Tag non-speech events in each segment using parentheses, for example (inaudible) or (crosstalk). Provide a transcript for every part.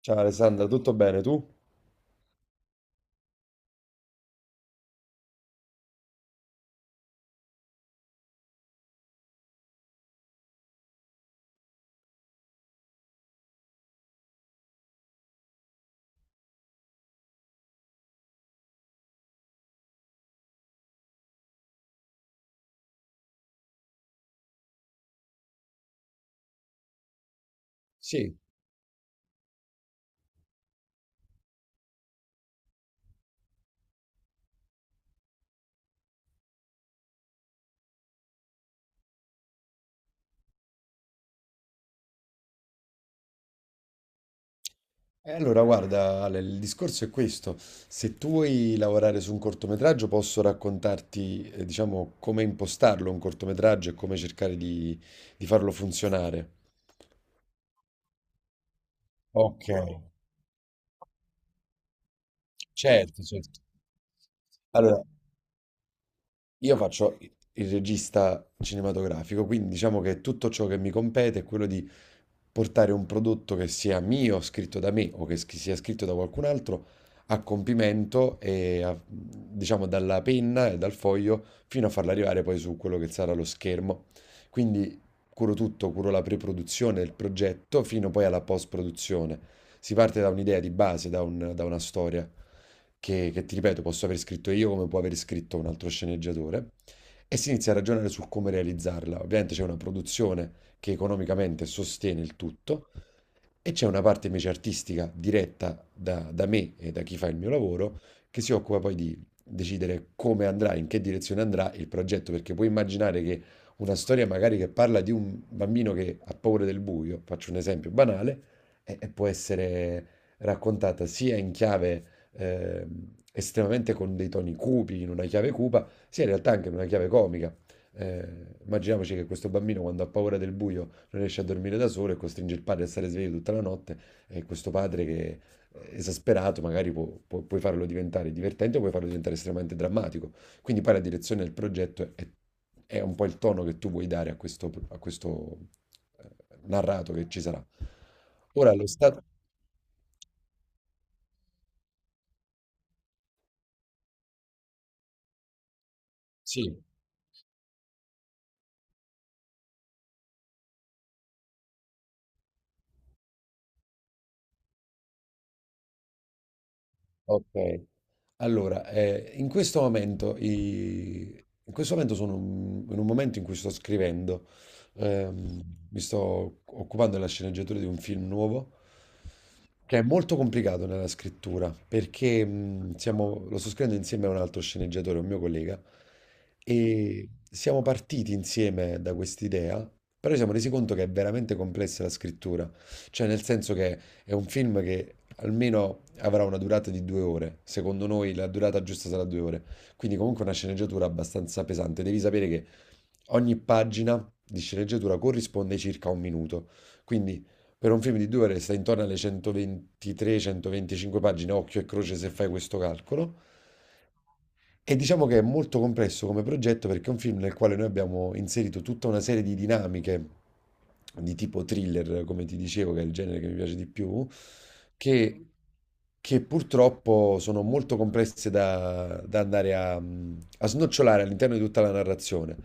Ciao Alessandra, tutto bene tu? Sì. E allora guarda Ale, il discorso è questo: se tu vuoi lavorare su un cortometraggio posso raccontarti diciamo come impostarlo un cortometraggio e come cercare di farlo funzionare. Ok, certo, certo. Allora, io faccio il regista cinematografico, quindi diciamo che tutto ciò che mi compete è quello di portare un prodotto che sia mio, scritto da me o che sia scritto da qualcun altro a compimento e diciamo dalla penna e dal foglio fino a farlo arrivare poi su quello che sarà lo schermo. Quindi curo tutto, curo la pre-produzione del progetto fino poi alla post-produzione. Si parte da un'idea di base, da da una storia che ti ripeto, posso aver scritto io come può aver scritto un altro sceneggiatore, e si inizia a ragionare su come realizzarla. Ovviamente c'è una produzione che economicamente sostiene il tutto, e c'è una parte invece artistica diretta da, da me e da chi fa il mio lavoro, che si occupa poi di decidere come andrà, in che direzione andrà il progetto, perché puoi immaginare che una storia magari che parla di un bambino che ha paura del buio, faccio un esempio banale, e può essere raccontata sia in chiave estremamente con dei toni cupi, in una chiave cupa, sia in realtà anche in una chiave comica. Immaginiamoci che questo bambino quando ha paura del buio non riesce a dormire da solo e costringe il padre a stare sveglio tutta la notte, e questo padre che è esasperato magari puoi farlo diventare divertente o puoi farlo diventare estremamente drammatico. Quindi poi la direzione del progetto è un po' il tono che tu vuoi dare a questo, eh, narrato che ci sarà. Ora lo stato... Sì, ok. Allora, in questo momento, in questo momento sono in un momento in cui sto scrivendo, ehm, mi sto occupando della sceneggiatura di un film nuovo, che è molto complicato nella scrittura, perché lo sto scrivendo insieme a un altro sceneggiatore, un mio collega, e siamo partiti insieme da quest'idea, però ci siamo resi conto che è veramente complessa la scrittura, cioè nel senso che è un film che almeno avrà una durata di due ore. Secondo noi la durata giusta sarà due ore. Quindi comunque una sceneggiatura abbastanza pesante. Devi sapere che ogni pagina di sceneggiatura corrisponde circa a un minuto. Quindi per un film di due ore stai intorno alle 123-125 pagine, occhio e croce se fai questo calcolo. E diciamo che è molto complesso come progetto perché è un film nel quale noi abbiamo inserito tutta una serie di dinamiche di tipo thriller, come ti dicevo, che è il genere che mi piace di più, che, che purtroppo sono molto complesse da, da andare a, a snocciolare all'interno di tutta la narrazione.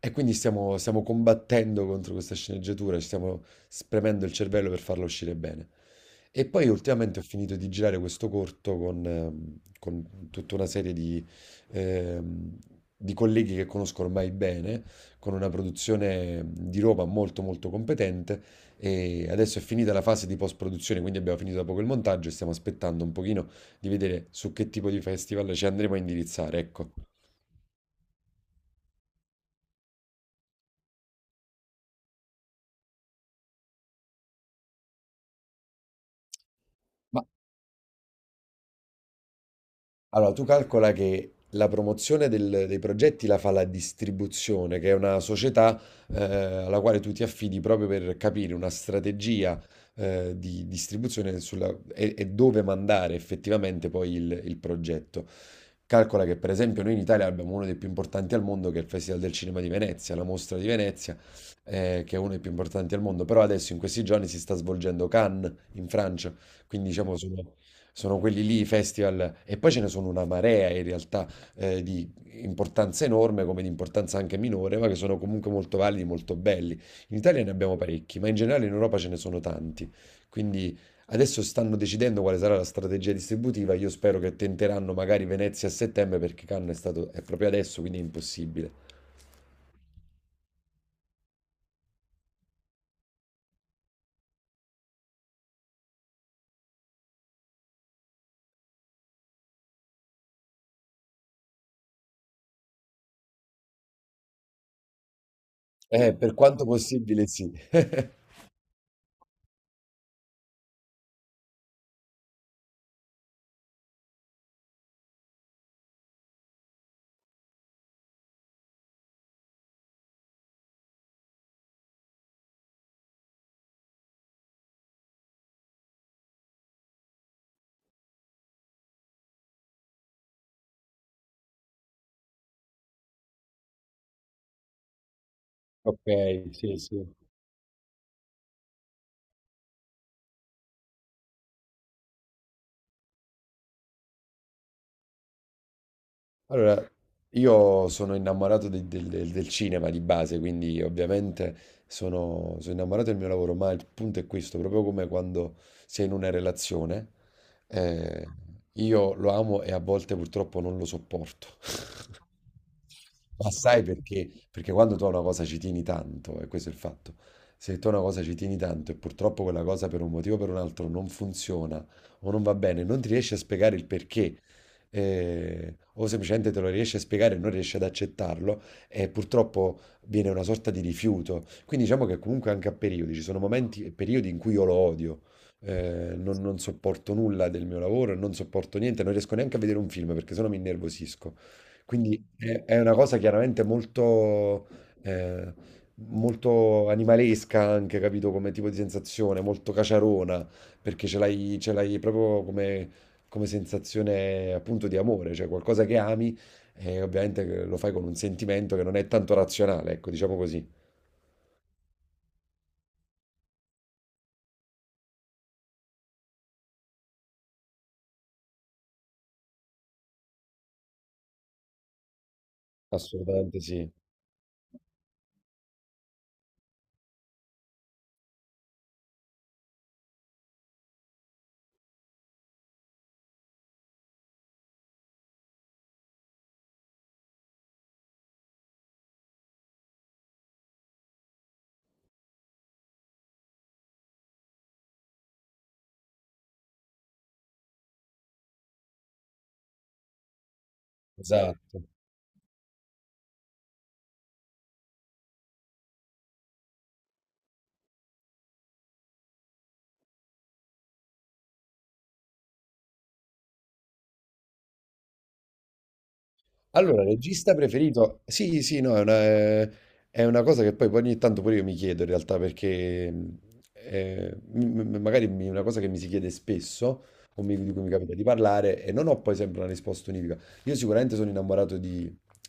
E quindi stiamo, stiamo combattendo contro questa sceneggiatura, ci stiamo spremendo il cervello per farla uscire bene. E poi ultimamente ho finito di girare questo corto con tutta una serie ehm, di colleghi che conosco ormai bene, con una produzione di roba molto molto competente, e adesso è finita la fase di post-produzione, quindi abbiamo finito da poco il montaggio e stiamo aspettando un pochino di vedere su che tipo di festival ci andremo a indirizzare, ecco. Ma allora, tu calcola che la promozione dei progetti la fa la distribuzione, che è una società alla quale tu ti affidi proprio per capire una strategia di distribuzione e dove mandare effettivamente poi il progetto. Calcola che per esempio noi in Italia abbiamo uno dei più importanti al mondo, che è il Festival del Cinema di Venezia, la mostra di Venezia, che è uno dei più importanti al mondo, però adesso in questi giorni si sta svolgendo Cannes in Francia, quindi diciamo sono, sono quelli lì i festival, e poi ce ne sono una marea in realtà di importanza enorme come di importanza anche minore, ma che sono comunque molto validi, molto belli. In Italia ne abbiamo parecchi, ma in generale in Europa ce ne sono tanti, quindi adesso stanno decidendo quale sarà la strategia distributiva. Io spero che tenteranno magari Venezia a settembre, perché Cannes è stato, è proprio adesso, quindi è impossibile. Per quanto possibile, sì. (laughs) Ok, sì, sì. Allora, io sono innamorato del, del cinema di base, quindi ovviamente sono, sono innamorato del mio lavoro, ma il punto è questo: proprio come quando sei in una relazione, eh, io lo amo e a volte purtroppo non lo sopporto. (laughs) Ma sai perché? Perché quando tu a una cosa ci tieni tanto, e questo è il fatto, se tu a una cosa ci tieni tanto e purtroppo quella cosa per un motivo o per un altro non funziona o non va bene, non ti riesci a spiegare il perché, o semplicemente te lo riesci a spiegare e non riesci ad accettarlo, e purtroppo viene una sorta di rifiuto. Quindi diciamo che comunque anche a periodi, ci sono momenti e periodi in cui io lo odio. Eh, non, non sopporto nulla del mio lavoro, non sopporto niente, non riesco neanche a vedere un film perché sennò mi innervosisco. Quindi è una cosa chiaramente molto, eh, molto animalesca anche, capito? Come tipo di sensazione, molto caciarona, perché ce l'hai proprio come, come sensazione appunto di amore, cioè qualcosa che ami e ovviamente che lo fai con un sentimento che non è tanto razionale, ecco, diciamo così. Assolutamente sì, esatto. Allora, regista preferito? Sì, sì, no, è una cosa che poi ogni tanto pure io mi chiedo in realtà perché magari una cosa che mi si chiede spesso di cui mi capita di parlare e non ho poi sempre una risposta univoca. Io sicuramente sono innamorato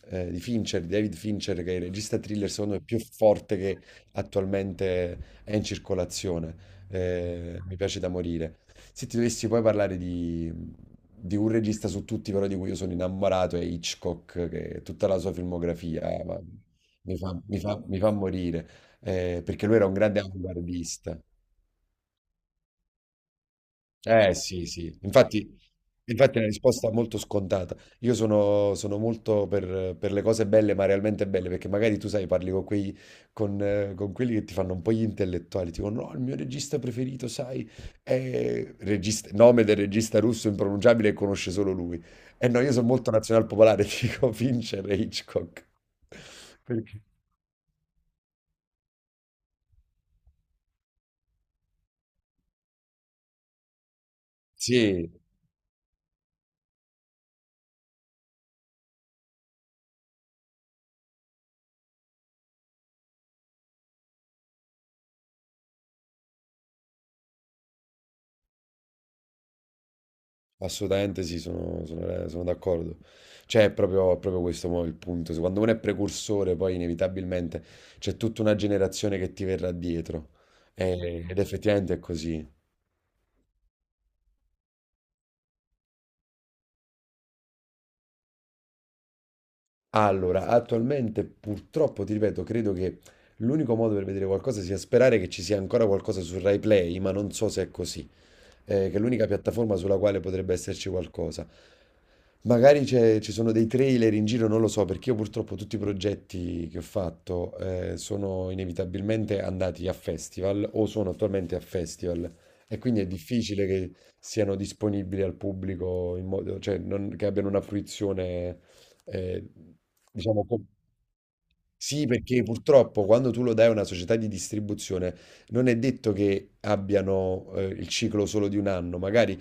di Fincher, di David Fincher, che è il regista thriller secondo me più forte che attualmente è in circolazione. Mi piace da morire. Se ti dovessi poi parlare di un regista su tutti, però di cui io sono innamorato, è Hitchcock, che tutta la sua filmografia ma mi fa morire, perché lui era un grande avanguardista. Eh sì, sì, infatti, infatti è una risposta molto scontata. Io sono, sono molto per le cose belle, ma realmente belle, perché magari tu sai, parli con quei, con quelli che ti fanno un po' gli intellettuali, tipo no, il mio regista preferito, sai, è regista, nome del regista russo impronunciabile e conosce solo lui. E no, io sono molto nazional popolare, (laughs) ti dico Fincher e Hitchcock. Perché? Sì, assolutamente sì, sono, sono d'accordo. Cioè, è proprio questo mo il punto. Se Quando uno è precursore, poi inevitabilmente c'è tutta una generazione che ti verrà dietro. Ed effettivamente è così. Allora, attualmente purtroppo, ti ripeto, credo che l'unico modo per vedere qualcosa sia sperare che ci sia ancora qualcosa su RaiPlay, ma non so se è così. Eh, che è l'unica piattaforma sulla quale potrebbe esserci qualcosa. Magari ci sono dei trailer in giro, non lo so, perché io purtroppo tutti i progetti che ho fatto sono inevitabilmente andati a festival o sono attualmente a festival, e quindi è difficile che siano disponibili al pubblico in modo, cioè che abbiano una fruizione, eh, diciamo, sì, perché purtroppo quando tu lo dai a una società di distribuzione non è detto che abbiano il ciclo solo di un anno, magari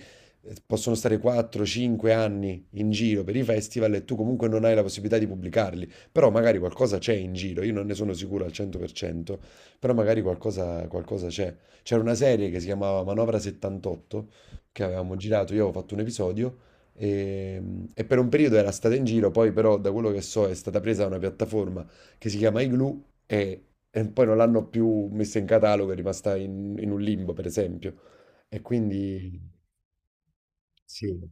possono stare 4-5 anni in giro per i festival e tu comunque non hai la possibilità di pubblicarli, però magari qualcosa c'è in giro, io non ne sono sicuro al 100%, però magari qualcosa, qualcosa c'è. C'era una serie che si chiamava Manovra 78 che avevamo girato, io avevo fatto un episodio. E, e per un periodo era stata in giro, poi però da quello che so è stata presa da una piattaforma che si chiama Igloo e poi non l'hanno più messa in catalogo, è rimasta in, in un limbo, per esempio. E quindi sì,